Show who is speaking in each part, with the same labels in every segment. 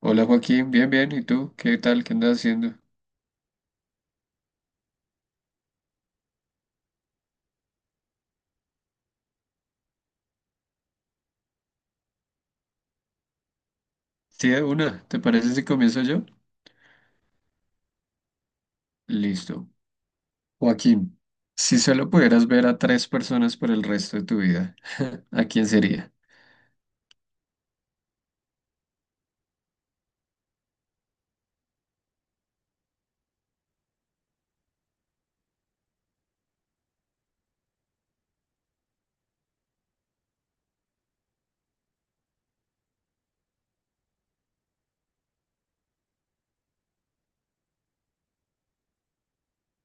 Speaker 1: Hola Joaquín, bien, bien. ¿Y tú? ¿Qué tal? ¿Qué andas haciendo? Sí, de una. ¿Te parece si comienzo yo? Listo. Joaquín, si solo pudieras ver a tres personas por el resto de tu vida, ¿a quién sería?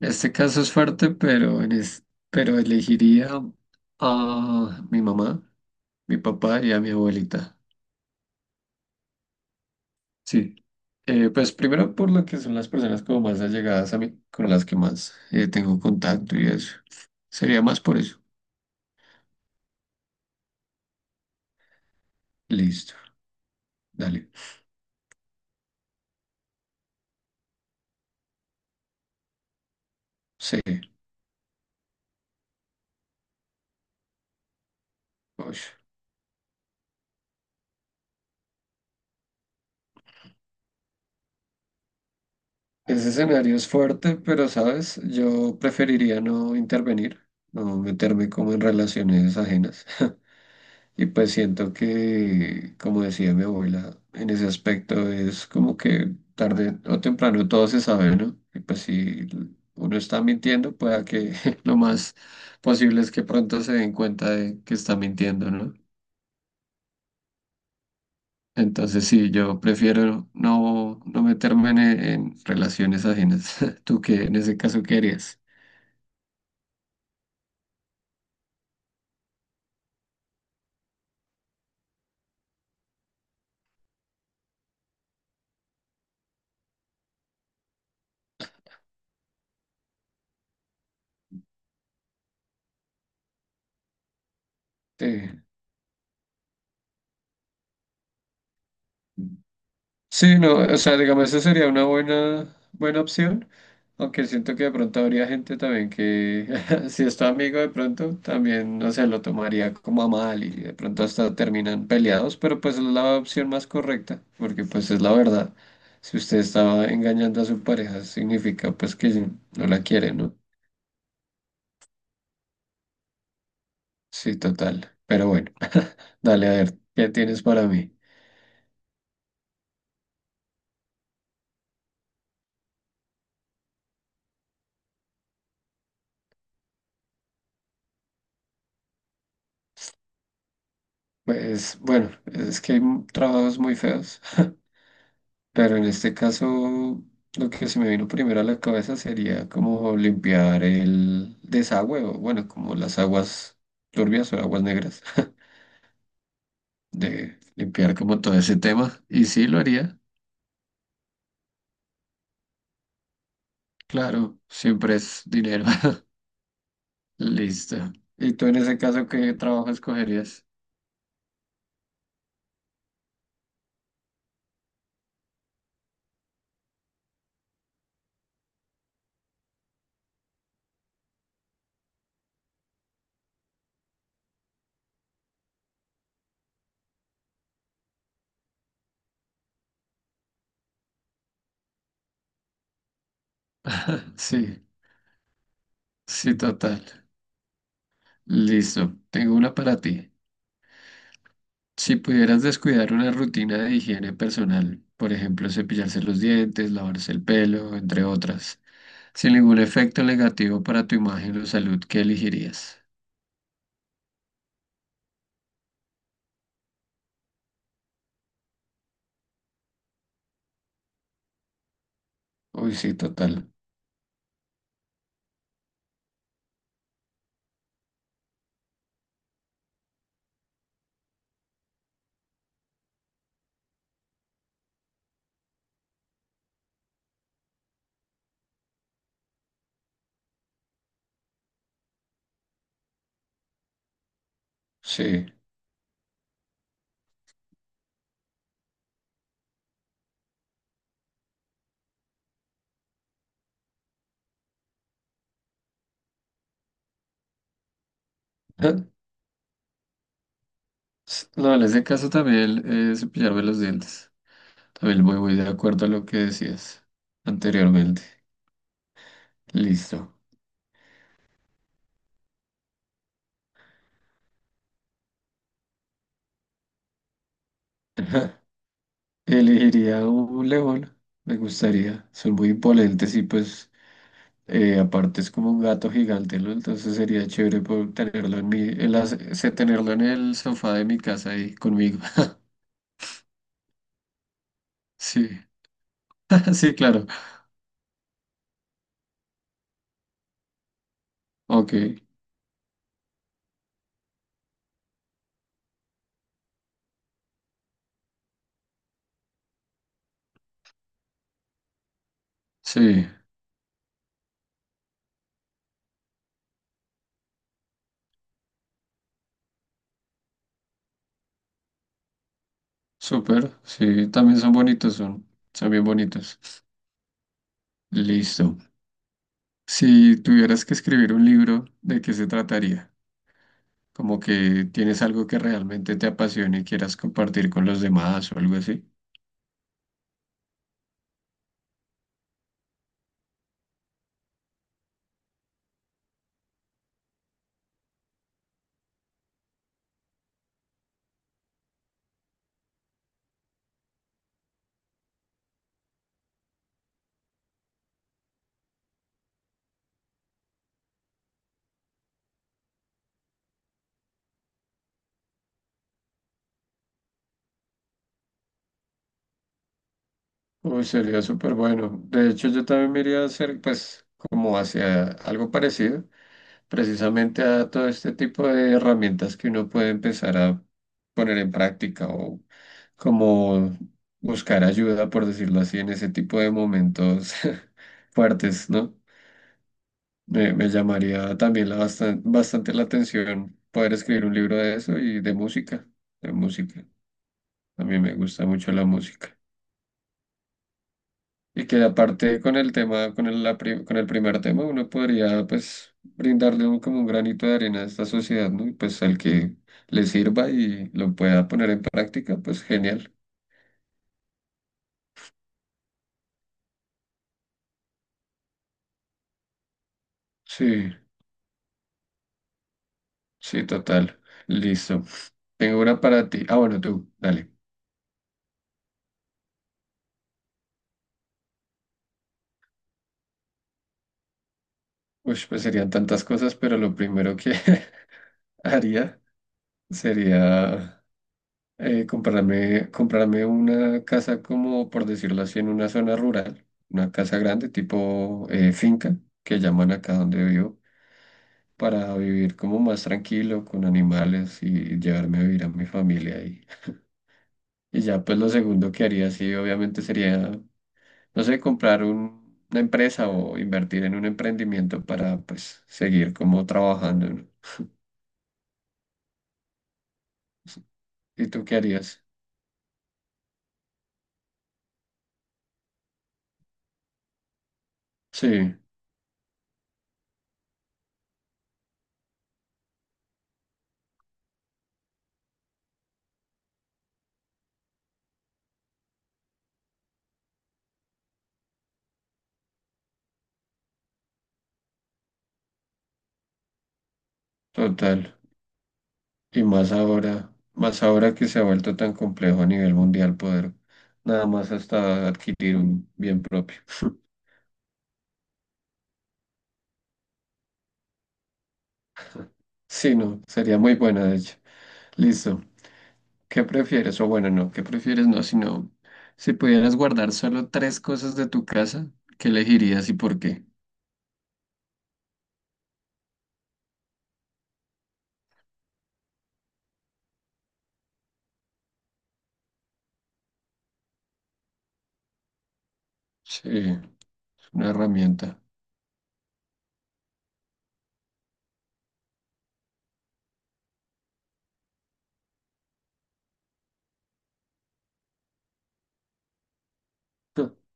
Speaker 1: Este caso es fuerte, pero, pero elegiría a mi mamá, mi papá y a mi abuelita. Sí. Pues primero por lo que son las personas como más allegadas a mí, con las que más tengo contacto y eso. Sería más por eso. Listo. Dale. Sí. Uy. Ese escenario es fuerte, pero sabes, yo preferiría no intervenir, no meterme como en relaciones ajenas. Y pues siento que, como decía mi abuela, en ese aspecto es como que tarde o temprano todo se sabe, ¿no? Y pues si uno está mintiendo, pueda que lo más posible es que pronto se den cuenta de que está mintiendo, ¿no? Entonces sí, yo prefiero no meterme en relaciones ajenas. ¿Tú qué en ese caso qué harías? Sí, sí, no, o sea, digamos, esa sería una buena, buena opción, aunque siento que de pronto habría gente también que, si es tu amigo de pronto, también, no sé, lo tomaría como a mal y de pronto hasta terminan peleados, pero pues es la opción más correcta, porque pues es la verdad. Si usted estaba engañando a su pareja, significa pues que sí, no la quiere, ¿no? Sí, total. Pero bueno, dale a ver, ¿qué tienes para mí? Pues bueno, es que hay trabajos muy feos. Pero en este caso, lo que se me vino primero a la cabeza sería como limpiar el desagüe, o bueno, como las aguas turbias o aguas negras, de limpiar como todo ese tema. Y sí lo haría, claro, siempre es dinero. Listo. ¿Y tú en ese caso qué trabajo escogerías? Sí, sí, total. Listo, tengo una para ti. Si pudieras descuidar una rutina de higiene personal, por ejemplo, cepillarse los dientes, lavarse el pelo, entre otras. Sin ningún efecto negativo para tu imagen o salud, ¿qué elegirías? Uy, sí, total. Sí. Ah, no, en ese caso también cepillarme los dientes. También voy, de acuerdo a lo que decías anteriormente. Listo. Elegiría un león, me gustaría. Son muy imponentes y pues aparte es como un gato gigante, ¿no? Entonces sería chévere poder tenerlo en mi, tenerlo en el sofá de mi casa ahí conmigo. Sí, sí, claro. Ok, sí. Súper, sí, también son bonitos, son, son bien bonitos. Listo. Si tuvieras que escribir un libro, ¿de qué se trataría? Como que tienes algo que realmente te apasione y quieras compartir con los demás o algo así. Uy, sería súper bueno. De hecho, yo también me iría a hacer, pues, como hacia algo parecido. Precisamente a todo este tipo de herramientas que uno puede empezar a poner en práctica o como buscar ayuda, por decirlo así, en ese tipo de momentos fuertes, ¿no? Me llamaría también la bastante la atención poder escribir un libro de eso y de música, de música. A mí me gusta mucho la música. Y que aparte con el tema, con el primer tema, uno podría pues brindarle como un granito de arena a esta sociedad, ¿no? Y pues al que le sirva y lo pueda poner en práctica, pues genial. Sí, sí, total. Listo. Tengo una para ti. Ah, bueno, tú, dale. Uy, pues serían tantas cosas, pero lo primero que haría sería comprarme una casa como, por decirlo así, en una zona rural, una casa grande tipo finca, que llaman acá donde vivo, para vivir como más tranquilo con animales y llevarme a vivir a mi familia. Y ya pues lo segundo que haría, sí, obviamente sería, no sé, comprar una empresa o invertir en un emprendimiento para pues seguir como trabajando, ¿no? ¿Y tú qué harías? Sí, total. Y más ahora que se ha vuelto tan complejo a nivel mundial poder nada más hasta adquirir un bien propio. Sí, no, sería muy buena, de hecho. Listo. ¿Qué prefieres? O bueno, no, ¿qué prefieres? No, sino si pudieras guardar solo tres cosas de tu casa, ¿qué elegirías y por qué? Sí, es una herramienta.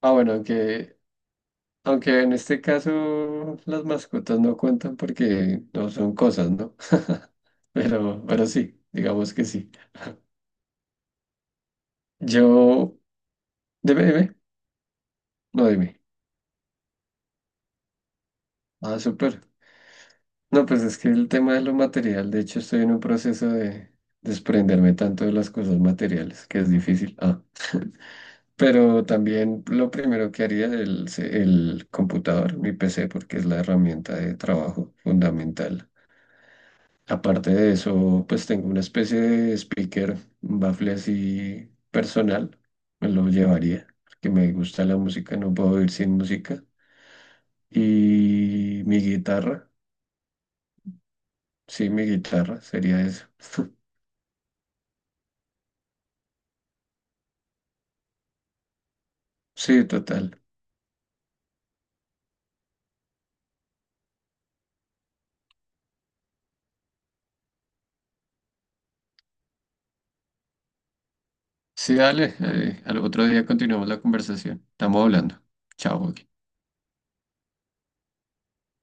Speaker 1: Ah, bueno, aunque, aunque en este caso las mascotas no cuentan porque no son cosas, ¿no? Pero sí, digamos que sí. Yo, dime, dime, no dime. Ah, súper. No, pues es que el tema de lo material, de hecho estoy en un proceso de desprenderme tanto de las cosas materiales, que es difícil. Ah. Pero también lo primero que haría es el computador, mi PC, porque es la herramienta de trabajo fundamental. Aparte de eso, pues tengo una especie de speaker, un bafle así personal, me lo llevaría, porque me gusta la música, no puedo vivir sin música. Y mi guitarra, sí, mi guitarra sería eso. Sí, total. Sí, dale, al otro día continuamos la conversación. Estamos hablando. Chao, Joaquín.